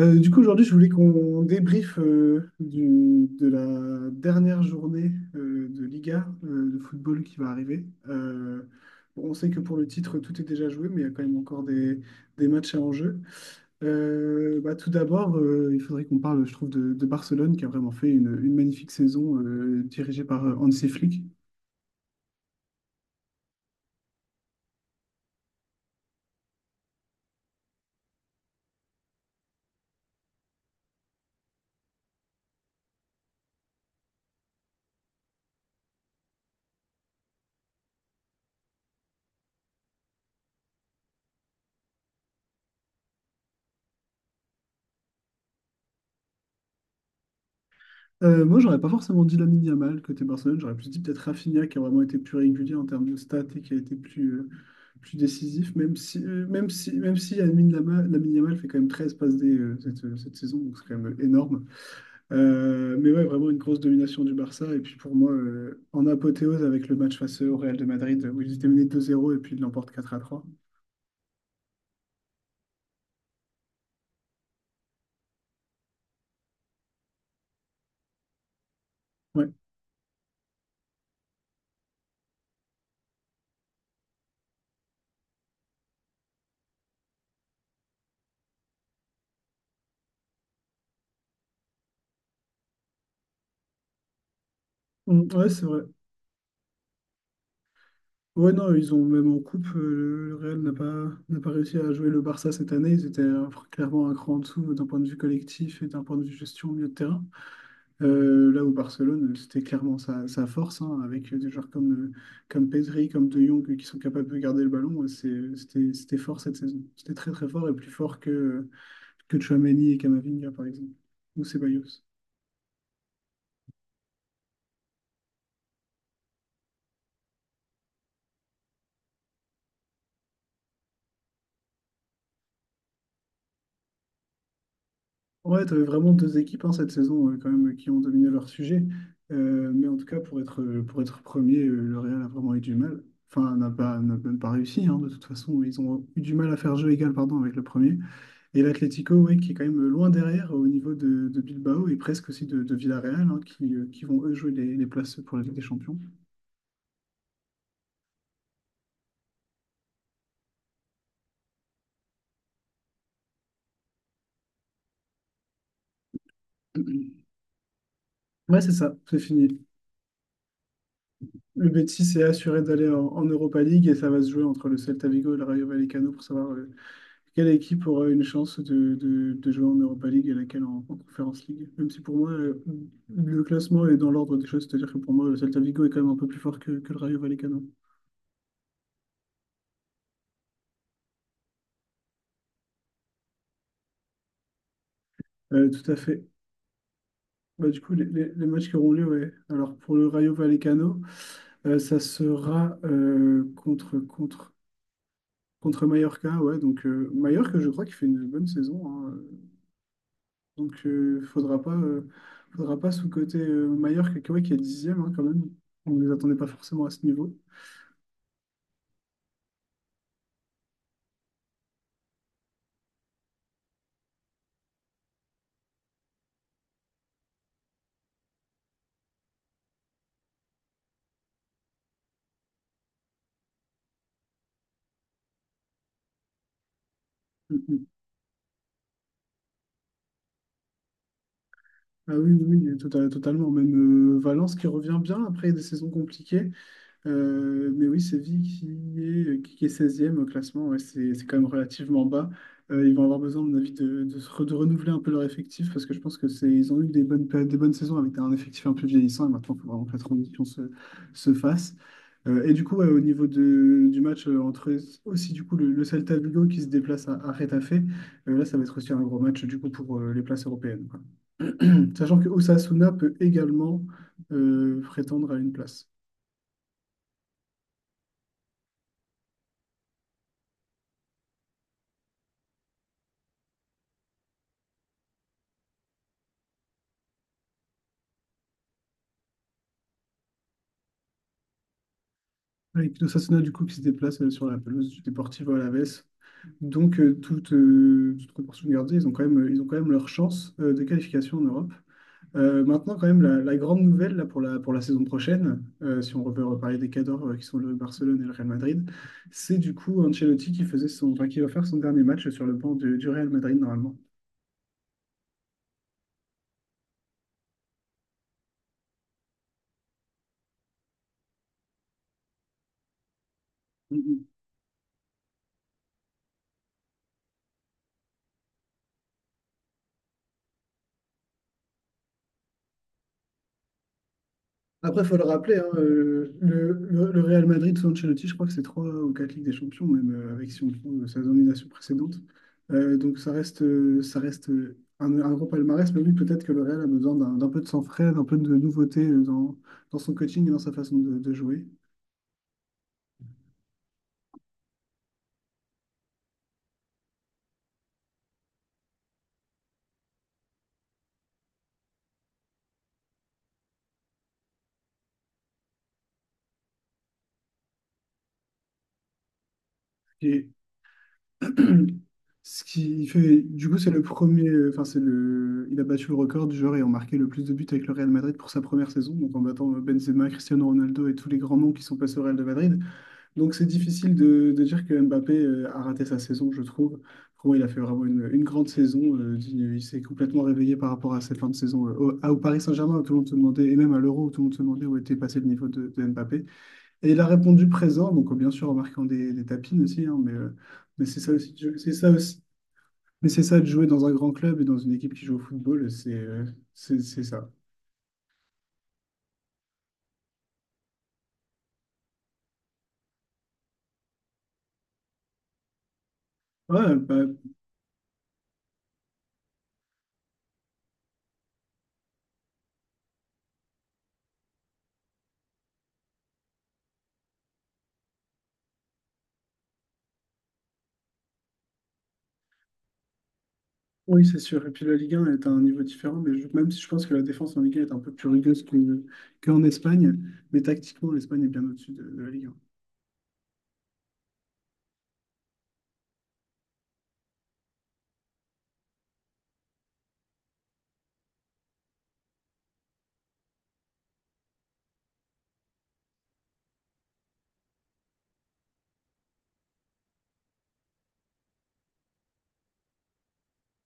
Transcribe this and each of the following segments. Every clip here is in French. Aujourd'hui, je voulais qu'on débriefe de la dernière journée de Liga de football qui va arriver. Bon, on sait que pour le titre, tout est déjà joué, mais il y a quand même encore des matchs à enjeu. Tout d'abord, il faudrait qu'on parle, je trouve, de Barcelone qui a vraiment fait une magnifique saison dirigée par Hansi Flick. Moi, j'aurais pas forcément dit Lamine Yamal côté Barcelone, j'aurais plus dit peut-être Rafinha qui a vraiment été plus régulier en termes de stats et qui a été plus décisif, même si Lamine Lamine Yamal fait quand même 13 passes D cette saison, donc c'est quand même énorme. Mais ouais, vraiment une grosse domination du Barça. Et puis pour moi, en apothéose avec le match face au Real de Madrid où ils étaient menés deux zéro et puis ils l'emportent quatre à trois. Ouais, ouais, c'est vrai. Ouais, non, ils ont même en coupe, le Real n'a pas réussi à jouer le Barça cette année. Ils étaient clairement un cran en dessous d'un point de vue collectif et d'un point de vue gestion au milieu de terrain. Là où Barcelone, c'était clairement sa force, hein, avec des joueurs comme Pedri, comme De Jong, qui sont capables de garder le ballon. C'était fort cette saison. C'était très très fort et plus fort que Tchouaméni et Camavinga, par exemple, ou Ceballos. Ouais, tu avais vraiment deux équipes hein, cette saison quand même qui ont dominé leur sujet. Mais en tout cas, pour être premier, le Real a vraiment eu du mal. Enfin, n'a même pas réussi, hein, de toute façon. Ils ont eu du mal à faire jeu égal, pardon, avec le premier. Et l'Atlético, ouais, qui est quand même loin derrière au niveau de Bilbao et presque aussi de Villarreal, hein, qui vont eux jouer les places pour la Ligue des Champions. Ouais, c'est ça, c'est fini. Le Betis est assuré d'aller en Europa League et ça va se jouer entre le Celta Vigo et le Rayo Vallecano pour savoir quelle équipe aura une chance de jouer en Europa League et laquelle en Conference League? Même si pour moi, le classement est dans l'ordre des choses, c'est-à-dire que pour moi, le Celta Vigo est quand même un peu plus fort que le Rayo Vallecano. Tout à fait. Bah, du coup, les matchs qui auront lieu, ouais. Alors pour le Rayo Vallecano, ça sera contre Mallorca, ouais. Donc Mallorca, je crois qu'il fait une bonne saison, hein. Donc euh, faudra pas sous-coter Mallorca, qui, ouais, qui est dixième hein, quand même. On ne les attendait pas forcément à ce niveau. Mm, mm. Ah oui, oui, oui, totalement. Même Valence qui revient bien après des saisons compliquées. Mais oui, Séville qui est 16 au classement, ouais, c'est quand même relativement bas. Ils vont avoir besoin, à mon avis, de renouveler un peu leur effectif parce que je pense que ils ont eu des bonnes saisons avec un effectif un peu vieillissant et maintenant, il faut vraiment que la transition se fasse. Et du coup, ouais, au niveau du match entre aussi du coup le Celta Vigo qui se déplace à Getafe, là, ça va être aussi un gros match du coup pour les places européennes, quoi. Sachant que Osasuna peut également prétendre à une place. Avec Pino Sassona, du coup, qui se déplace sur la pelouse du Deportivo Alavés. Donc, toute proportion gardée, ils ont quand même leur chance de qualification en Europe. Maintenant, quand même, la grande nouvelle là, pour pour la saison prochaine, si on veut reparler des cadors qui sont le Barcelone et le Real Madrid, c'est du coup Ancelotti qui faisait son, enfin, qui va faire son dernier match sur le banc du Real Madrid, normalement. Après, il faut le rappeler, hein, le Real Madrid sous Ancelotti, je crois que c'est trois ou quatre Ligues des Champions, même avec si on prend sa domination précédente. Donc ça reste un gros palmarès, mais oui, peut-être que le Real a besoin d'un peu de sang frais, d'un peu de nouveauté dans son coaching et dans sa façon de jouer. Et ce qui fait, du coup, c'est le, il a battu le record du joueur ayant marqué le plus de buts avec le Real Madrid pour sa première saison, donc en battant Benzema, Cristiano Ronaldo et tous les grands noms qui sont passés au Real de Madrid. Donc c'est difficile de dire que Mbappé a raté sa saison, je trouve. Pour moi, il a fait vraiment une grande saison. Il s'est complètement réveillé par rapport à cette fin de saison au Paris Saint-Germain, où tout le monde se demandait, et même à l'Euro, où tout le monde se demandait où était passé le niveau de Mbappé. Et il a répondu présent, donc bien sûr en marquant des tapines aussi, hein, mais c'est ça aussi, c'est ça aussi. Mais c'est ça de jouer dans un grand club et dans une équipe qui joue au football, c'est ça. Ouais, bah, oui, c'est sûr. Et puis la Ligue 1 est à un niveau différent, même si je pense que la défense en Ligue 1 est un peu plus rigueuse qu'en Espagne, mais tactiquement, l'Espagne est bien au-dessus de la Ligue 1.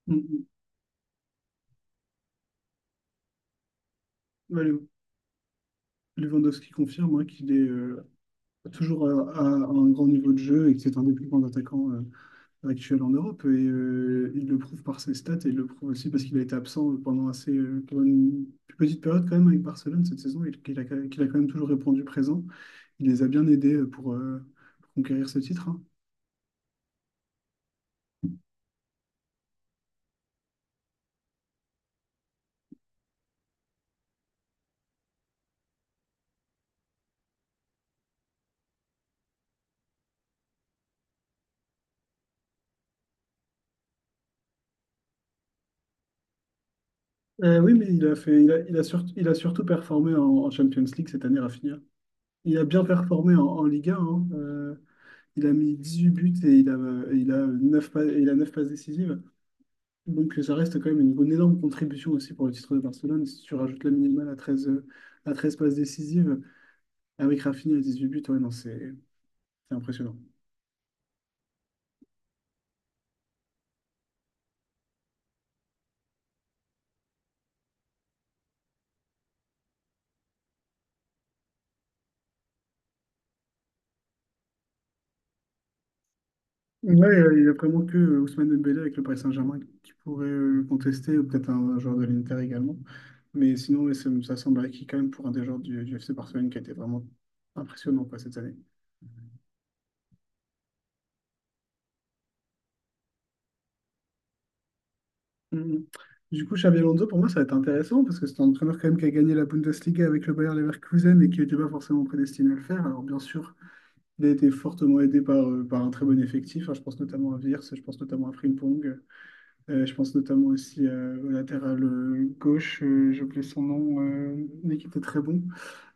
Mm, mm. Ouais, Lew- Lewandowski confirme hein, qu'il est toujours à un grand niveau de jeu et que c'est un des plus grands attaquants actuels en Europe. Et il le prouve par ses stats et il le prouve aussi parce qu'il a été absent pendant pendant une plus petite période quand même avec Barcelone cette saison et qu'il a quand même toujours répondu présent. Il les a bien aidés pour conquérir ce titre, hein. Oui, mais il a fait, il a, sur- il a surtout performé en Champions League cette année, Rafinha. Il a bien performé en Ligue 1, hein. Il a mis 18 buts et il a 9 passes, il a 9 passes décisives. Donc ça reste quand même une énorme contribution aussi pour le titre de Barcelone. Si tu rajoutes la minimale à 13 à 13 passes décisives, avec Rafinha à huit buts, ouais, non, c'est impressionnant. Ouais, il n'y a vraiment que Ousmane Dembélé avec le Paris Saint-Germain qui pourrait le contester, ou peut-être un joueur de l'Inter également. Mais sinon, ouais, ça semble acquis quand même pour un des joueurs du FC Barcelone qui a été vraiment impressionnant quoi, cette année. Mhm. Du coup, Xabi Alonso, pour moi, ça va être intéressant parce que c'est un entraîneur quand même qui a gagné la Bundesliga avec le Bayer Leverkusen et qui n'était pas forcément prédestiné à le faire. Alors bien sûr, il a été fortement aidé par un très bon effectif. Hein, je pense notamment à Wirtz, je pense notamment à Frimpong. Je pense notamment aussi au latéral gauche, j'ai oublié son nom, mais qui était très bon.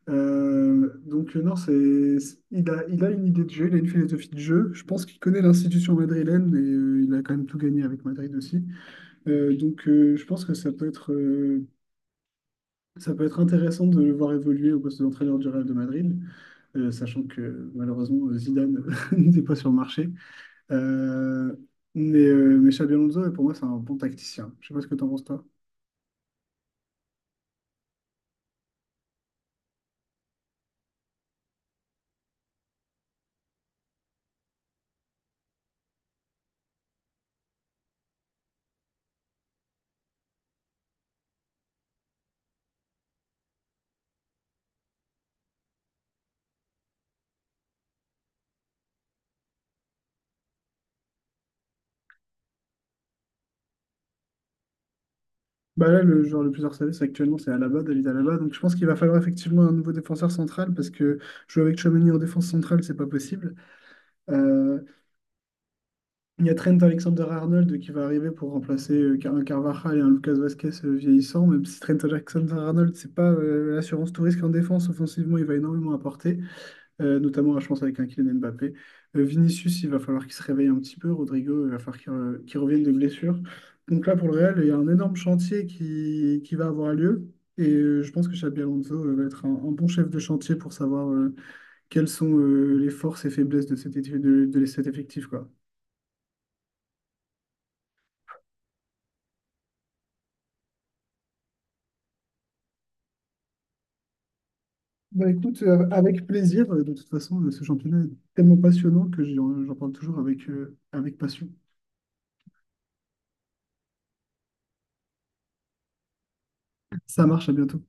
Non, il a une idée de jeu, il a une philosophie de jeu. Je pense qu'il connaît l'institution madrilène et il a quand même tout gagné avec Madrid aussi. Donc je pense que ça peut être intéressant de le voir évoluer au poste d'entraîneur du Real de Madrid, sachant que malheureusement Zidane n'était pas sur le marché. Euh, mais mais Xabi Alonso, pour moi, c'est un bon tacticien. Je sais pas ce que t'en penses, toi. Bah là, le joueur le plus harcelé, c'est actuellement, c'est Alaba, David Alaba. Donc je pense qu'il va falloir effectivement un nouveau défenseur central parce que jouer avec Tchouaméni en défense centrale, c'est pas possible. Euh, il y a Trent Alexander-Arnold qui va arriver pour remplacer un Carvajal et un Lucas Vasquez vieillissant, même si Trent Alexander-Arnold, c'est pas l'assurance tout risque en défense. Offensivement, il va énormément apporter. Notamment, je pense, avec un Kylian Mbappé. Vinicius, il va falloir qu'il se réveille un petit peu. Rodrigo, il va falloir qu'il revienne de blessure. Donc là, pour le Real, il y a un énorme chantier qui va avoir lieu. Et je pense que Xabi Alonso va être un bon chef de chantier pour savoir quelles sont les forces et faiblesses de cet effectif, quoi. Bah écoute, avec plaisir. De toute façon, ce championnat est tellement passionnant que j'en parle toujours avec passion. Ça marche, à bientôt.